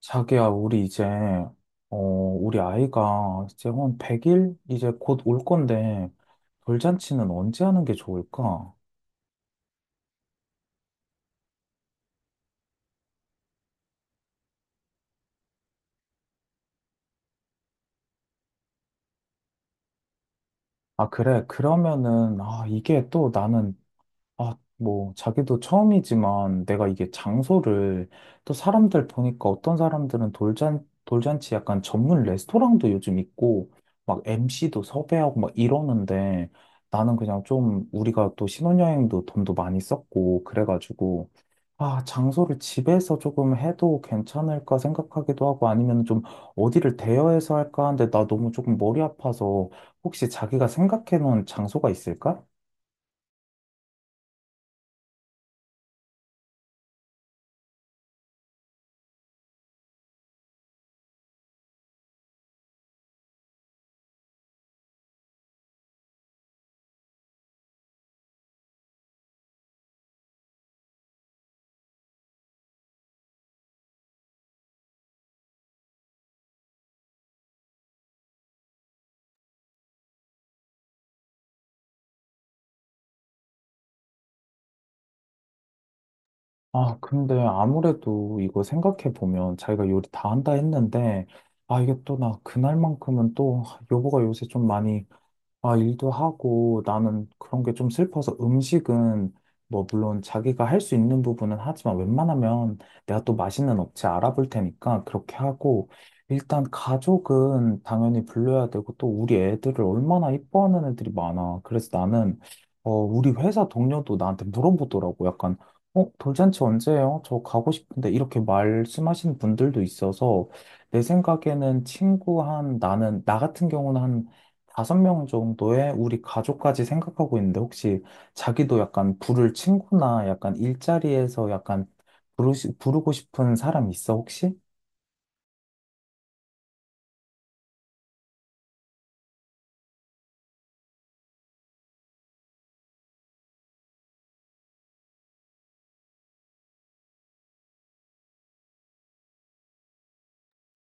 자기야, 우리 이제, 우리 아이가 이제 한 100일? 이제 곧 올 건데, 돌잔치는 언제 하는 게 좋을까? 아, 그래. 그러면은, 아, 이게 또 나는, 아, 뭐, 자기도 처음이지만 내가 이게 장소를, 또 사람들 보니까 어떤 사람들은 돌잔치 약간 전문 레스토랑도 요즘 있고, 막 MC도 섭외하고 막 이러는데, 나는 그냥 좀 우리가 또 신혼여행도 돈도 많이 썼고, 그래가지고, 아, 장소를 집에서 조금 해도 괜찮을까 생각하기도 하고 아니면 좀 어디를 대여해서 할까 하는데 나 너무 조금 머리 아파서, 혹시 자기가 생각해 놓은 장소가 있을까? 아, 근데 아무래도 이거 생각해 보면 자기가 요리 다 한다 했는데, 아, 이게 또 나 그날만큼은 또 여보가 요새 좀 많이, 아, 일도 하고 나는 그런 게 좀 슬퍼서 음식은 뭐 물론 자기가 할 수 있는 부분은 하지만 웬만하면 내가 또 맛있는 업체 알아볼 테니까 그렇게 하고, 일단 가족은 당연히 불러야 되고, 또 우리 애들을 얼마나 이뻐하는 애들이 많아. 그래서 나는, 우리 회사 동료도 나한테 물어보더라고. 약간, 돌잔치 언제예요? 저 가고 싶은데 이렇게 말씀하시는 분들도 있어서, 내 생각에는 친구 한 나는 나 같은 경우는 5명 정도의 우리 가족까지 생각하고 있는데, 혹시 자기도 약간 부를 친구나 약간 일자리에서 약간 부르고 싶은 사람 있어, 혹시?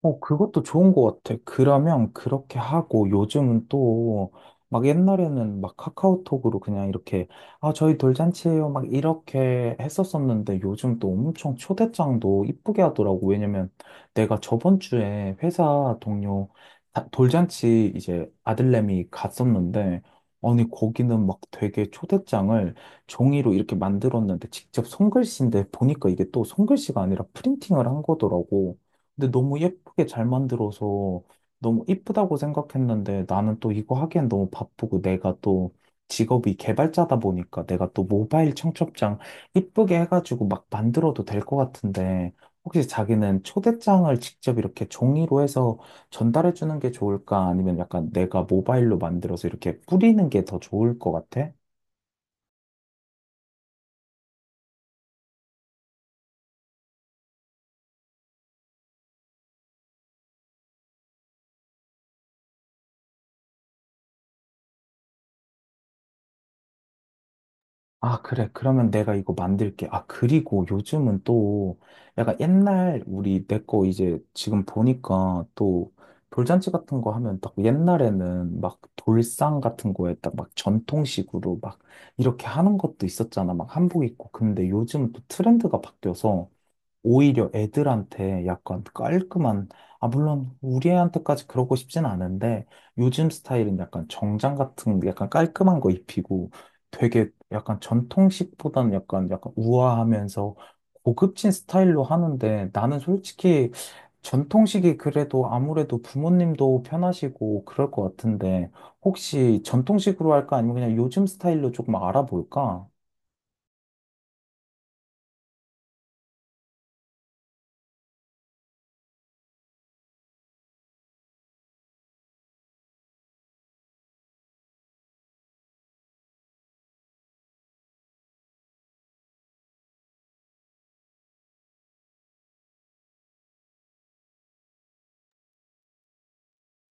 어, 그것도 좋은 것 같아. 그러면 그렇게 하고, 요즘은 또 막 옛날에는 막 카카오톡으로 그냥 이렇게, 아, 저희 돌잔치예요. 막 이렇게 했었었는데, 요즘 또 엄청 초대장도 이쁘게 하더라고. 왜냐면 내가 저번 주에 회사 동료 돌잔치 이제 아들내미 갔었는데, 아니 거기는 막 되게 초대장을 종이로 이렇게 만들었는데 직접 손글씨인데 보니까 이게 또 손글씨가 아니라 프린팅을 한 거더라고. 근데 너무 예쁘게 잘 만들어서 너무 이쁘다고 생각했는데, 나는 또 이거 하기엔 너무 바쁘고, 내가 또 직업이 개발자다 보니까 내가 또 모바일 청첩장 이쁘게 해가지고 막 만들어도 될 것 같은데, 혹시 자기는 초대장을 직접 이렇게 종이로 해서 전달해 주는 게 좋을까? 아니면 약간 내가 모바일로 만들어서 이렇게 뿌리는 게 더 좋을 것 같아? 아, 그래. 그러면 내가 이거 만들게. 아, 그리고 요즘은 또 약간 옛날 우리 내 거 이제 지금 보니까, 또 돌잔치 같은 거 하면 딱 옛날에는 막 돌상 같은 거에 딱 막 전통식으로 막 이렇게 하는 것도 있었잖아. 막 한복 입고. 근데 요즘은 또 트렌드가 바뀌어서 오히려 애들한테 약간 깔끔한, 아, 물론 우리 애한테까지 그러고 싶진 않은데, 요즘 스타일은 약간 정장 같은 약간 깔끔한 거 입히고, 되게 약간 전통식보다는 약간 우아하면서 고급진 스타일로 하는데, 나는 솔직히 전통식이 그래도 아무래도 부모님도 편하시고 그럴 것 같은데, 혹시 전통식으로 할까? 아니면 그냥 요즘 스타일로 조금 알아볼까?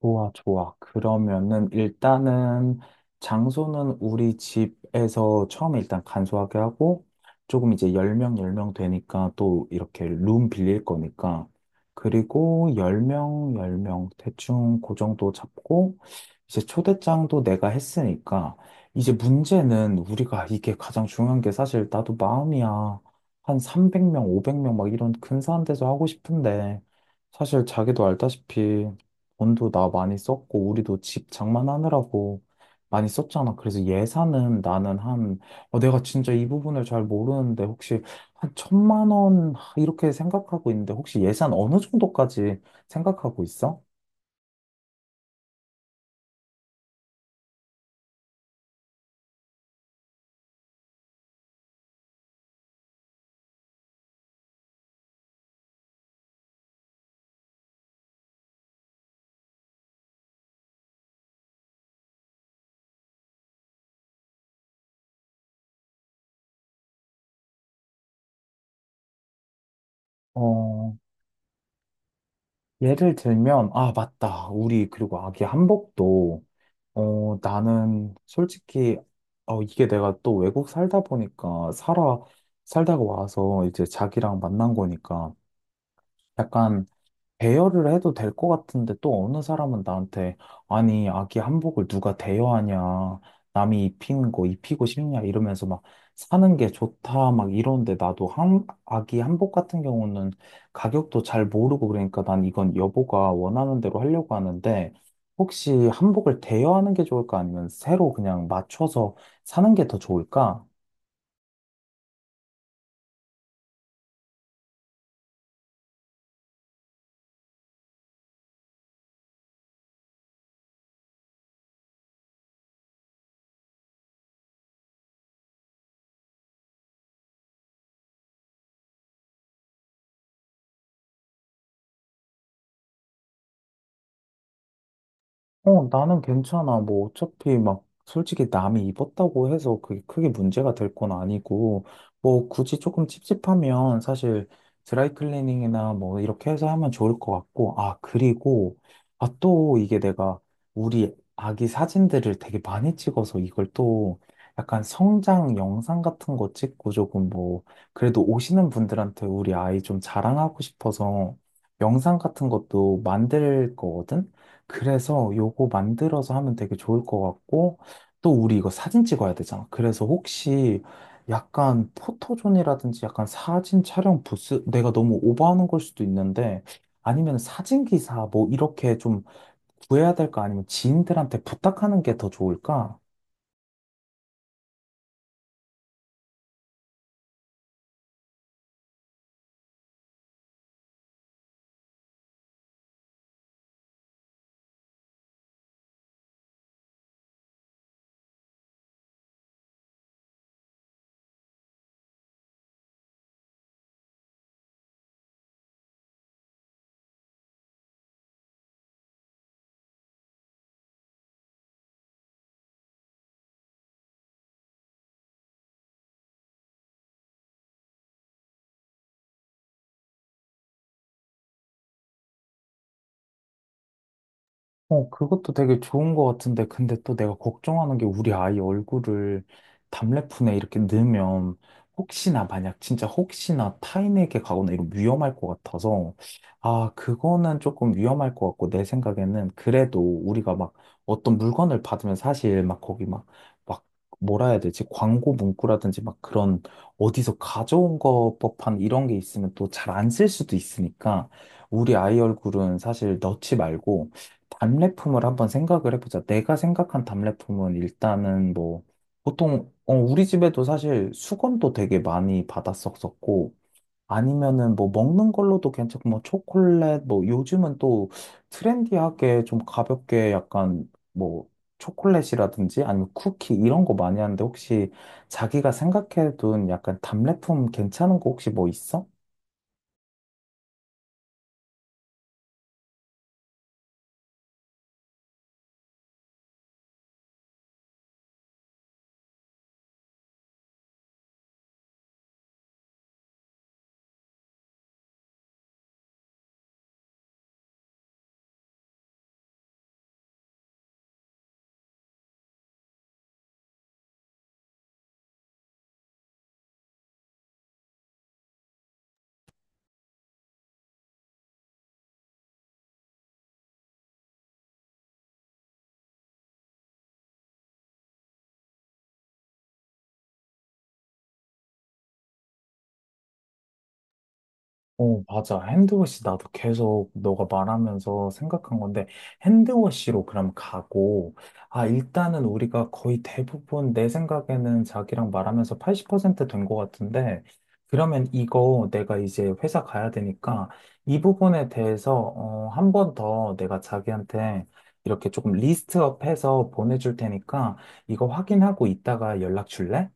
좋아, 좋아. 그러면은 일단은 장소는 우리 집에서 처음에 일단 간소하게 하고, 조금 이제 10명, 10명 되니까 또 이렇게 룸 빌릴 거니까, 그리고 10명, 10명 대충 그 정도 잡고, 이제 초대장도 내가 했으니까, 이제 문제는 우리가 이게 가장 중요한 게, 사실 나도 마음이야. 한 300명, 500명 막 이런 근사한 데서 하고 싶은데, 사실 자기도 알다시피 돈도 나 많이 썼고, 우리도 집 장만하느라고 많이 썼잖아. 그래서 예산은 나는 한, 내가 진짜 이 부분을 잘 모르는데, 혹시 한 1,000만 원, 하, 이렇게 생각하고 있는데, 혹시 예산 어느 정도까지 생각하고 있어? 어, 예를 들면, 아, 맞다. 우리, 그리고 아기 한복도, 나는 솔직히, 이게 내가 또 외국 살다 보니까, 살다가 와서 이제 자기랑 만난 거니까, 약간 대여를 해도 될 것 같은데, 또 어느 사람은 나한테 아니 아기 한복을 누가 대여하냐, 남이 입힌 거 입히고 싶냐 이러면서 막 사는 게 좋다 막 이러는데, 나도 한 아기 한복 같은 경우는 가격도 잘 모르고 그러니까 난 이건 여보가 원하는 대로 하려고 하는데, 혹시 한복을 대여하는 게 좋을까 아니면 새로 그냥 맞춰서 사는 게 더 좋을까? 어, 나는 괜찮아. 뭐, 어차피 막, 솔직히 남이 입었다고 해서 그게 크게 문제가 될 건 아니고, 뭐, 굳이 조금 찝찝하면 사실 드라이클리닝이나 뭐, 이렇게 해서 하면 좋을 것 같고. 아, 그리고, 아, 또 이게 내가 우리 아기 사진들을 되게 많이 찍어서 이걸 또 약간 성장 영상 같은 거 찍고 조금 뭐, 그래도 오시는 분들한테 우리 아이 좀 자랑하고 싶어서 영상 같은 것도 만들 거거든? 그래서 요거 만들어서 하면 되게 좋을 것 같고, 또 우리 이거 사진 찍어야 되잖아. 그래서 혹시 약간 포토존이라든지 약간 사진 촬영 부스, 내가 너무 오버하는 걸 수도 있는데, 아니면 사진기사 뭐 이렇게 좀 구해야 될까? 아니면 지인들한테 부탁하는 게 더 좋을까? 어, 그것도 되게 좋은 것 같은데, 근데 또 내가 걱정하는 게 우리 아이 얼굴을 답례fun에 이렇게 넣으면 혹시나 만약 진짜 혹시나 타인에게 가거나 이런 위험할 것 같아서, 아, 그거는 조금 위험할 것 같고. 내 생각에는 그래도 우리가 막 어떤 물건을 받으면 사실 막 거기 막 뭐라 해야 되지? 광고 문구라든지 막 그런 어디서 가져온 것 법한 이런 게 있으면 또 잘 안 쓸 수도 있으니까, 우리 아이 얼굴은 사실 넣지 말고, 답례품을 한번 생각을 해보자. 내가 생각한 답례품은 일단은 뭐, 보통, 우리 집에도 사실 수건도 되게 많이 받았었었고, 아니면은 뭐 먹는 걸로도 괜찮고, 뭐 초콜릿, 뭐 요즘은 또 트렌디하게 좀 가볍게 약간 뭐 초콜릿이라든지 아니면 쿠키 이런 거 많이 하는데, 혹시 자기가 생각해둔 약간 답례품 괜찮은 거 혹시 뭐 있어? 어, 맞아. 핸드워시 나도 계속 너가 말하면서 생각한 건데, 핸드워시로 그럼 가고, 아, 일단은 우리가 거의 대부분 내 생각에는 자기랑 말하면서 80%된 것 같은데, 그러면 이거 내가 이제 회사 가야 되니까, 이 부분에 대해서, 한 번 더 내가 자기한테 이렇게 조금 리스트업 해서 보내줄 테니까, 이거 확인하고 이따가 연락 줄래?